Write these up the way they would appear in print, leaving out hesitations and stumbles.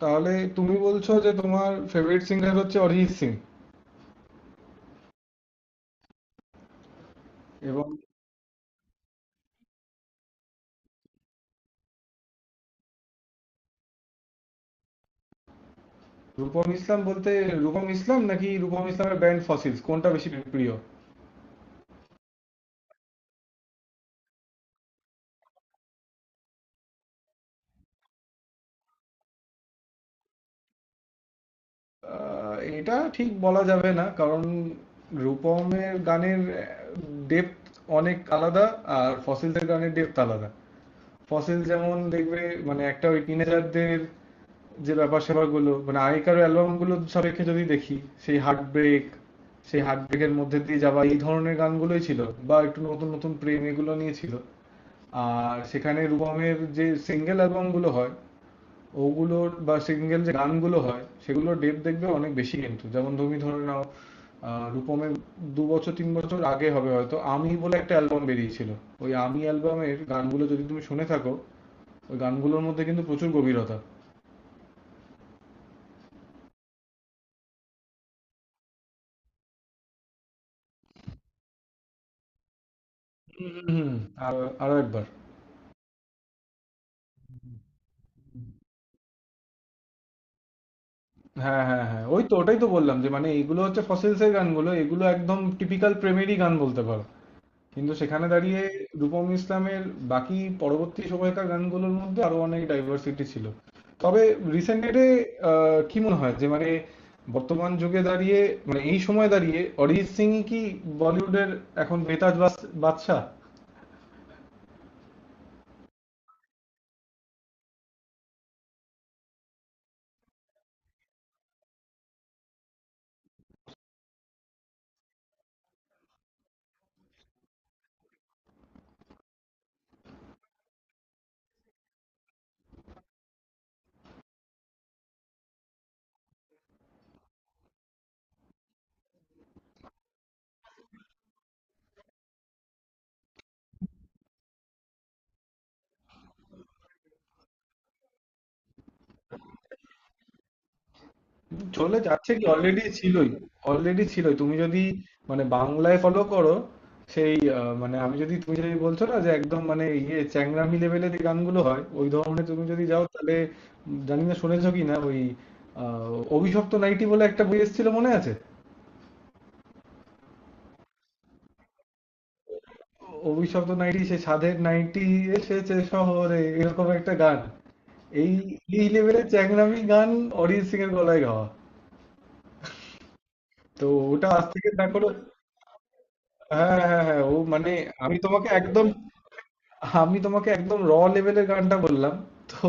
তাহলে তুমি বলছো যে তোমার ফেভারিট সিঙ্গার হচ্ছে অরিজিৎ সিং। এবং রূপম ইসলাম বলতে রূপম ইসলাম নাকি রূপম ইসলামের ব্যান্ড ফসিলস কোনটা বেশি প্রিয়? এটা ঠিক বলা যাবে না কারণ রূপমের গানের ডেপথ অনেক আলাদা, আর ফসিলসের গানের ডেপথ আলাদা। ফসিল যেমন দেখবে, মানে একটা ওই টিনেজারদের যে ব্যাপার স্যাপারগুলো, মানে আগেকার অ্যালবামগুলো সাপেক্ষে যদি দেখি, সেই হার্ট ব্রেক, সেই হার্ট ব্রেকের মধ্যে দিয়ে যাওয়া এই ধরনের গানগুলোই ছিল, বা একটু নতুন নতুন প্রেম এগুলো নিয়ে ছিল। আর সেখানে রূপমের যে সিঙ্গেল অ্যালবামগুলো হয়, ওগুলোর বা সিঙ্গেল যে গানগুলো হয় সেগুলোর ডেপ দেখবে অনেক বেশি। কিন্তু যেমন তুমি ধরে নাও, রূপমের 2 বছর 3 বছর আগে হবে হয়তো, আমি বলে একটা অ্যালবাম বেরিয়েছিল। ওই আমি অ্যালবামের গানগুলো যদি তুমি শুনে থাকো, ওই গানগুলোর মধ্যে কিন্তু প্রচুর গভীরতা। হুম। আর আরো একবার। হ্যাঁ, হ্যাঁ, হ্যাঁ, ওই তো, ওটাই তো বললাম যে, মানে এগুলো হচ্ছে ফসিলস এর গানগুলো, এগুলো একদম টিপিক্যাল প্রেমেরই গান বলতে পারো। কিন্তু সেখানে দাঁড়িয়ে রূপম ইসলামের বাকি পরবর্তী সময়কার গানগুলোর মধ্যে আরো অনেক ডাইভার্সিটি ছিল। তবে রিসেন্ট ডেটে কি মনে হয় যে মানে, বর্তমান যুগে দাঁড়িয়ে, মানে এই সময় দাঁড়িয়ে অরিজিৎ সিং কি বলিউডের এখন বেতাজ বাদশাহ? চলে যাচ্ছে কি? অলরেডি ছিলই, অলরেডি ছিলই। তুমি যদি মানে বাংলায় ফলো করো, সেই মানে আমি যদি, তুমি যদি বলছো না যে একদম মানে ইয়ে চ্যাংরামি লেভেলের যে গানগুলো হয় ওই ধরনের তুমি যদি যাও, তাহলে জানি না শুনেছো কি না, ওই আহ, অভিশপ্ত নাইটি বলে একটা বই এসেছিল মনে আছে? অভিশপ্ত নাইটি সে সাধের নাইটি এসেছে শহরে, এরকম একটা গান। এই এই লেভেলের চ্যাংরামি গান অরিজিৎ সিং এর গলায় গাওয়া। তো ওটা আজ থেকে দেখো, হ্যাঁ হ্যাঁ হ্যাঁ হ্যাঁ, ও মানে, আমি তোমাকে একদম, আমি তোমাকে একদম র লেভেলের গানটা বললাম। তো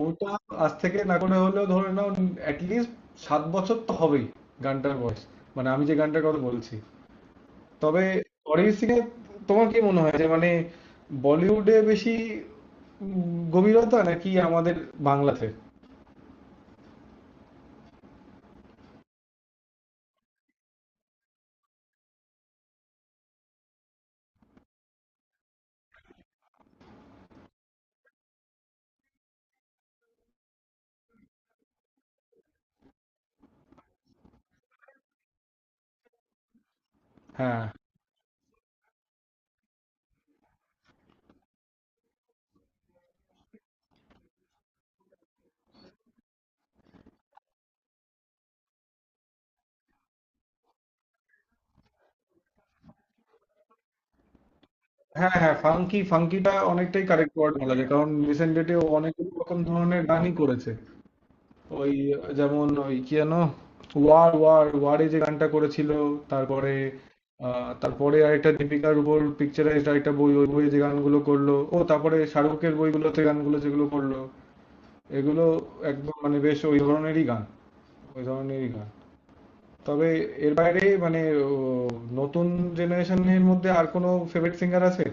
ওটা আজ থেকে না করে হলেও ধরে নাও অ্যাটলিস্ট 7 বছর তো হবেই গানটার বয়স, মানে আমি যে গানটার কথা বলছি। তবে অরিজিৎ সিং এর, তোমার কি মনে হয় যে মানে, বলিউডে বেশি উম, গভীরতা নাকি আমাদের বাংলাতে? হ্যাঁ হ্যাঁ হ্যাঁ, ফাঙ্কি, ফাঙ্কিটা অনেকটাই কারেক্ট ওয়ার্ড বলা যায়, কারণ রিসেন্ট ডেটে ও অনেক রকম ধরনের গানই করেছে। ওই যেমন ওই কি যেন, ওয়ার ওয়ার ওয়ারে যে গানটা করেছিল, তারপরে তারপরে আরেকটা দীপিকার উপর পিকচারাইজড আরেকটা বই, ওই বইয়ে যে গানগুলো করলো ও, তারপরে শাহরুখের বইগুলোতে গানগুলো যেগুলো করলো, এগুলো একদম মানে বেশ ওই ধরনেরই গান, ওই ধরনেরই গান। তবে এর বাইরে মানে, ও, নতুন জেনারেশনের মধ্যে আর কোনো ফেভারিট সিঙ্গার আছে?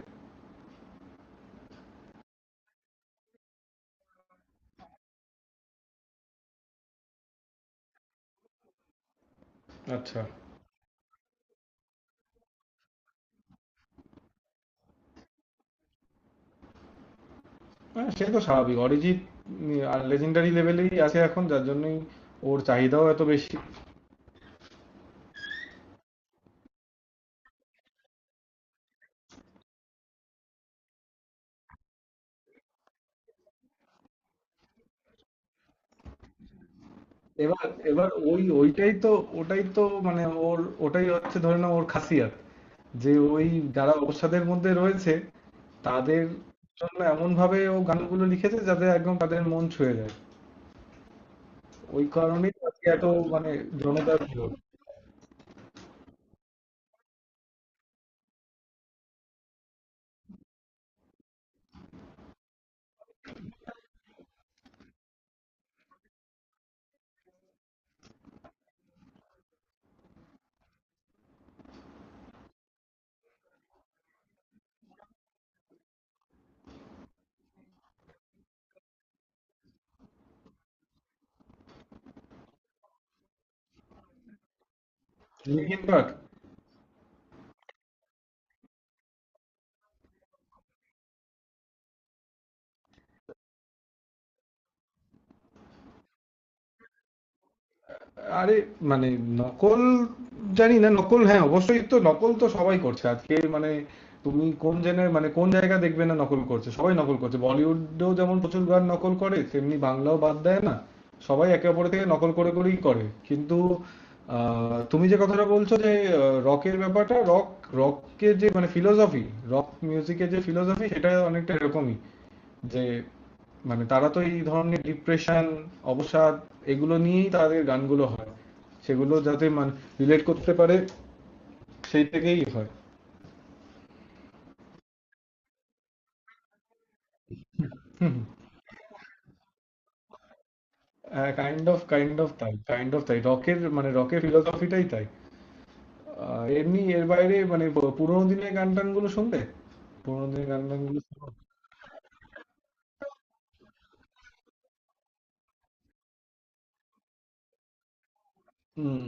আচ্ছা। হ্যাঁ সে তো স্বাভাবিক, অরিজিৎ উম, আর লেজেন্ডারি লেভেলেই আছে এখন, যার জন্যই ওর চাহিদাও এত বেশি। এবার, এবার ওই, ওইটাই তো ওটাই তো মানে, ওর, ওটাই হচ্ছে ধরে নাও ওর খাসিয়াত, যে ওই যারা অবসাদের মধ্যে রয়েছে তাদের জন্য এমন ভাবে ও গানগুলো লিখেছে যাতে একদম তাদের মন ছুঁয়ে যায়। ওই কারণেই আজকে এত মানে জনতার ভিড়। নিখিল পাঠ। আরে মানে, নকল, জানি না, নকল হ্যাঁ, অবশ্যই তো। নকল তো সবাই করছে আজকে, মানে তুমি কোন জেনের, মানে কোন জায়গা দেখবে না নকল করছে? সবাই নকল করছে, বলিউডেও যেমন প্রচুর গান নকল করে, তেমনি বাংলাও বাদ দেয় না। সবাই একে অপরের থেকে নকল করে করেই করে। কিন্তু তুমি যে কথাটা বলছো যে রকের ব্যাপারটা, রক, রককে যে মানে ফিলোসফি, রক মিউজিকের যে ফিলোসফি সেটা অনেকটা এরকমই, যে মানে তারা তো এই ধরনের ডিপ্রেশন, অবসাদ, এগুলো নিয়েই তাদের গানগুলো হয়, সেগুলো যাতে মানে রিলেট করতে পারে সেই থেকেই হয়। কাইন্ড অফ, কাইন্ড অফ তাই, কাইন্ড অফ তাই, রকের মানে রকের ফিলোসফিটাই তাই। এমনি এর বাইরে মানে পুরোনো দিনের গান টানগুলো শুনবে, পুরোনো দিনের গান টানগুলো শুনো? হুম।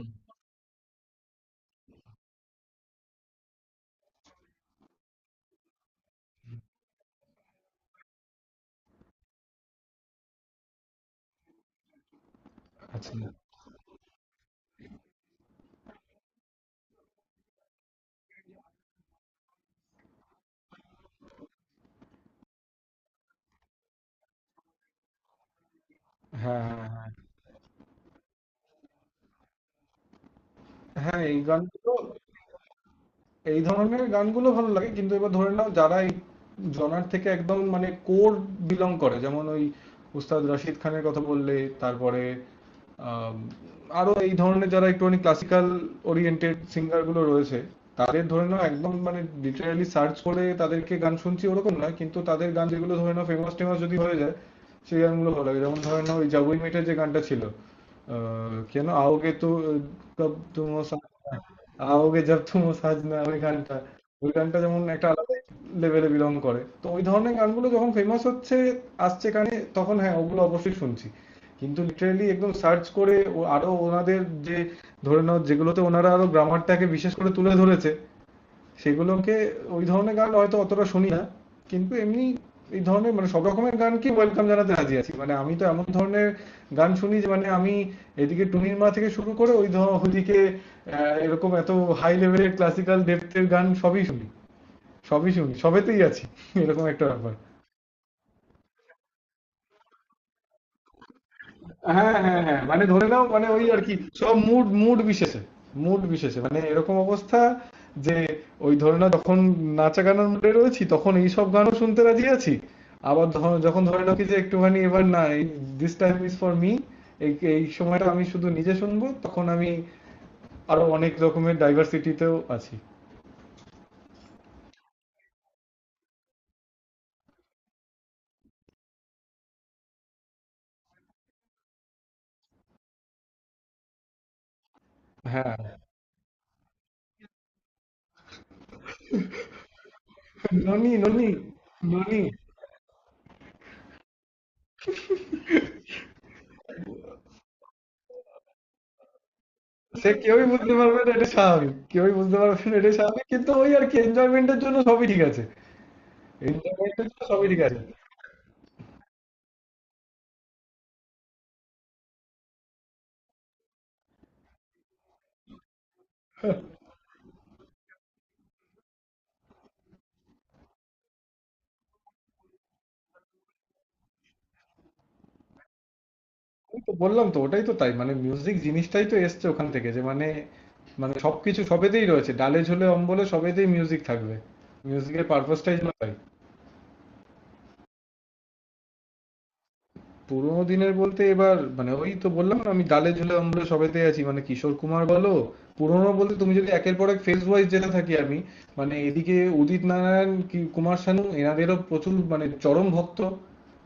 আচ্ছা। হ্যাঁ হ্যাঁ হ্যাঁ হ্যাঁ, এই গানগুলো, এই ধরনের গানগুলো ভালো লাগে। কিন্তু এবার ধরে নাও যারা এই জনার থেকে একদম মানে কোর বিলং করে, যেমন ওই উস্তাদ রাশিদ খানের কথা বললে, তারপরে আম, আরো এই ধরনের যারা একটুখানি ক্লাসিক্যাল ওরিয়েন্টেড সিঙ্গার গুলো রয়েছে, তাদের ধরে নাও একদম মানে লিটারালি সার্চ করে তাদেরকে গান শুনছি ওরকম নয়, কিন্তু তাদের গান যেগুলো ধরে নাও ফেমাস টেমাস যদি হয়ে যায়, সেই গানগুলো ভালো লাগে। যেমন ধরে নাও ওই জাগুই মেটের যে গানটা ছিল, अ, क्या ना आओगे तो, कब तुम हो साथ, आओगे জব তুম ও সাजना, ওই গানটা, ওই গানটা যেমন একটা আলাদা লেভেলে বিলং করে। তো ওই ধরনের গানগুলো যখন ফেমাস হচ্ছে, আসছে কানে, তখন হ্যাঁ ওগুলো অবশ্যই শুনছি। কিন্তু লিটারেলি একদম সার্চ করে ও আরো ওনাদের যে, ধরে নাও যেগুলোতে ওনারা আরো গ্রামারটাকে বিশেষ করে তুলে ধরেছে সেগুলোকে, ওই ধরনের গান হয়তো অতটা শুনি না। কিন্তু এমনি এই ধরনের মানে সব রকমের গানকে ওয়েলকাম জানাতে রাজি আছি। মানে আমি তো এমন ধরনের গান শুনি যে, মানে আমি এদিকে টুনির মা থেকে শুরু করে ওই ধর, ওদিকে এরকম এত হাই লেভেলের ক্লাসিক্যাল ডেপথের গান সবই শুনি, সবই শুনি, সবেতেই আছি, এরকম একটা ব্যাপার। হ্যাঁ, হ্যাঁ, হ্যাঁ। মানে ধরে নাও, মানে ওই আরকি, সব মুড মুড বিশেষে। মুড বিশেষে। মানে এরকম অবস্থা যে ওই ধরে নাও যখন নাচা গানের মুডে রয়েছি তখন এইসব গানও শুনতে রাজি আছি। আবার যখন ধরে নাও কি যে একটুখানি এবার না, this time is for me, এই এই সময়টা আমি শুধু নিজে শুনবো, তখন আমি আরো অনেক রকমের ডাইভার্সিটিতেও আছি। হ্যাঁ। ননি, ননি, ননি। সে কেউই বুঝতে পারবে না, এটা স্বাভাবিক। কেউই বুঝতে পারবে না, এটা স্বাভাবিক। কিন্তু ওই আর কি, এনজয়মেন্টের জন্য সবই ঠিক আছে। ইন্টারনেটে তো সবই ঠিক আছে। আমি তো বললাম তো, ওটাই তো তাই, মানে মিউজিক জিনিসটাই তো এসছে ওখান থেকে যে, মানে, মানে সবকিছু সবেতেই রয়েছে, ডালে ঝোলে অম্বলে সবেতেই মিউজিক থাকবে। মিউজিকের পারপাসটাই যেন তাই। পুরোনো দিনের বলতে এবার, মানে ওই তো বললাম না, আমি ডালে ঝুলে অম্বলে সবেতে আছি, মানে কিশোর কুমার বলো, পুরোনো বলতে তুমি যদি একের পর এক ফেজ ওয়াইজ যেতে থাকি আমি, মানে এদিকে উদিত নারায়ণ কি কুমার শানু, এনাদেরও প্রচুর মানে চরম ভক্ত,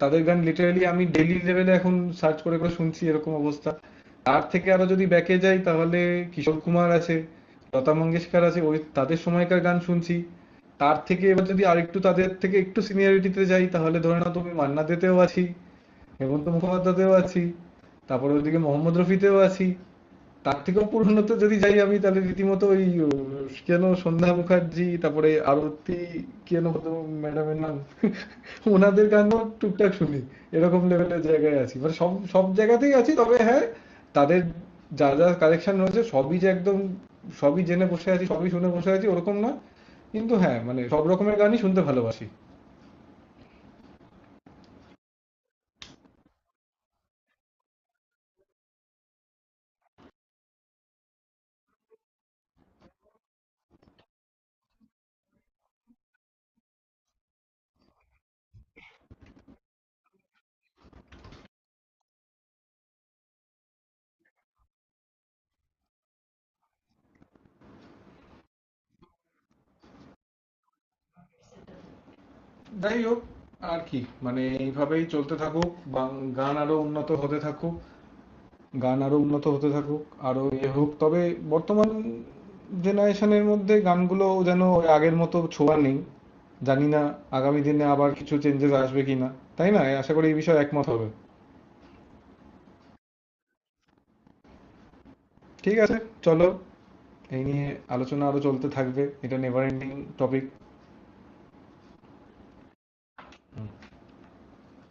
তাদের গান লিটারালি আমি ডেইলি লেভেলে এখন সার্চ করে করে শুনছি, এরকম অবস্থা। তার থেকে আরো যদি ব্যাকে যাই তাহলে কিশোর কুমার আছে, লতা মঙ্গেশকর আছে, ওই তাদের সময়কার গান শুনছি। তার থেকে এবার যদি আরেকটু তাদের থেকে একটু সিনিয়রিটিতে যাই, তাহলে ধরে নাও তুমি মান্না দেতেও আছি, হেমন্ত মুখোপাধ্যায়তেও আছি, তারপরে ওদিকে মোহাম্মদ রফিতেও আছি। তার থেকেও পুরনো তো যদি যাই আমি তাহলে রীতিমতো ওই, কেন সন্ধ্যা মুখার্জি, তারপরে আরতি, কেন ম্যাডামের নাম, ওনাদের গানও টুকটাক শুনি। এরকম লেভেলের জায়গায় আছি, মানে সব সব জায়গাতেই আছি। তবে হ্যাঁ, তাদের যা যা কালেকশন রয়েছে সবই যে একদম সবই জেনে বসে আছি, সবই শুনে বসে আছি, ওরকম না। কিন্তু হ্যাঁ মানে সব রকমের গানই শুনতে ভালোবাসি। যাই হোক, আর কি, মানে এইভাবেই চলতে থাকুক, গান আরো উন্নত হতে থাকুক, গান আরো উন্নত হতে থাকুক, আরো এ হোক। তবে বর্তমান জেনারেশনের মধ্যে গানগুলো যেন ওই আগের মতো ছোঁয়া নেই। জানি না আগামী দিনে আবার কিছু চেঞ্জেস আসবে কিনা। তাই না, আশা করি এই বিষয়ে একমত হবে। ঠিক আছে, চলো, এই নিয়ে আলোচনা আরো চলতে থাকবে, এটা নেভার এন্ডিং টপিক।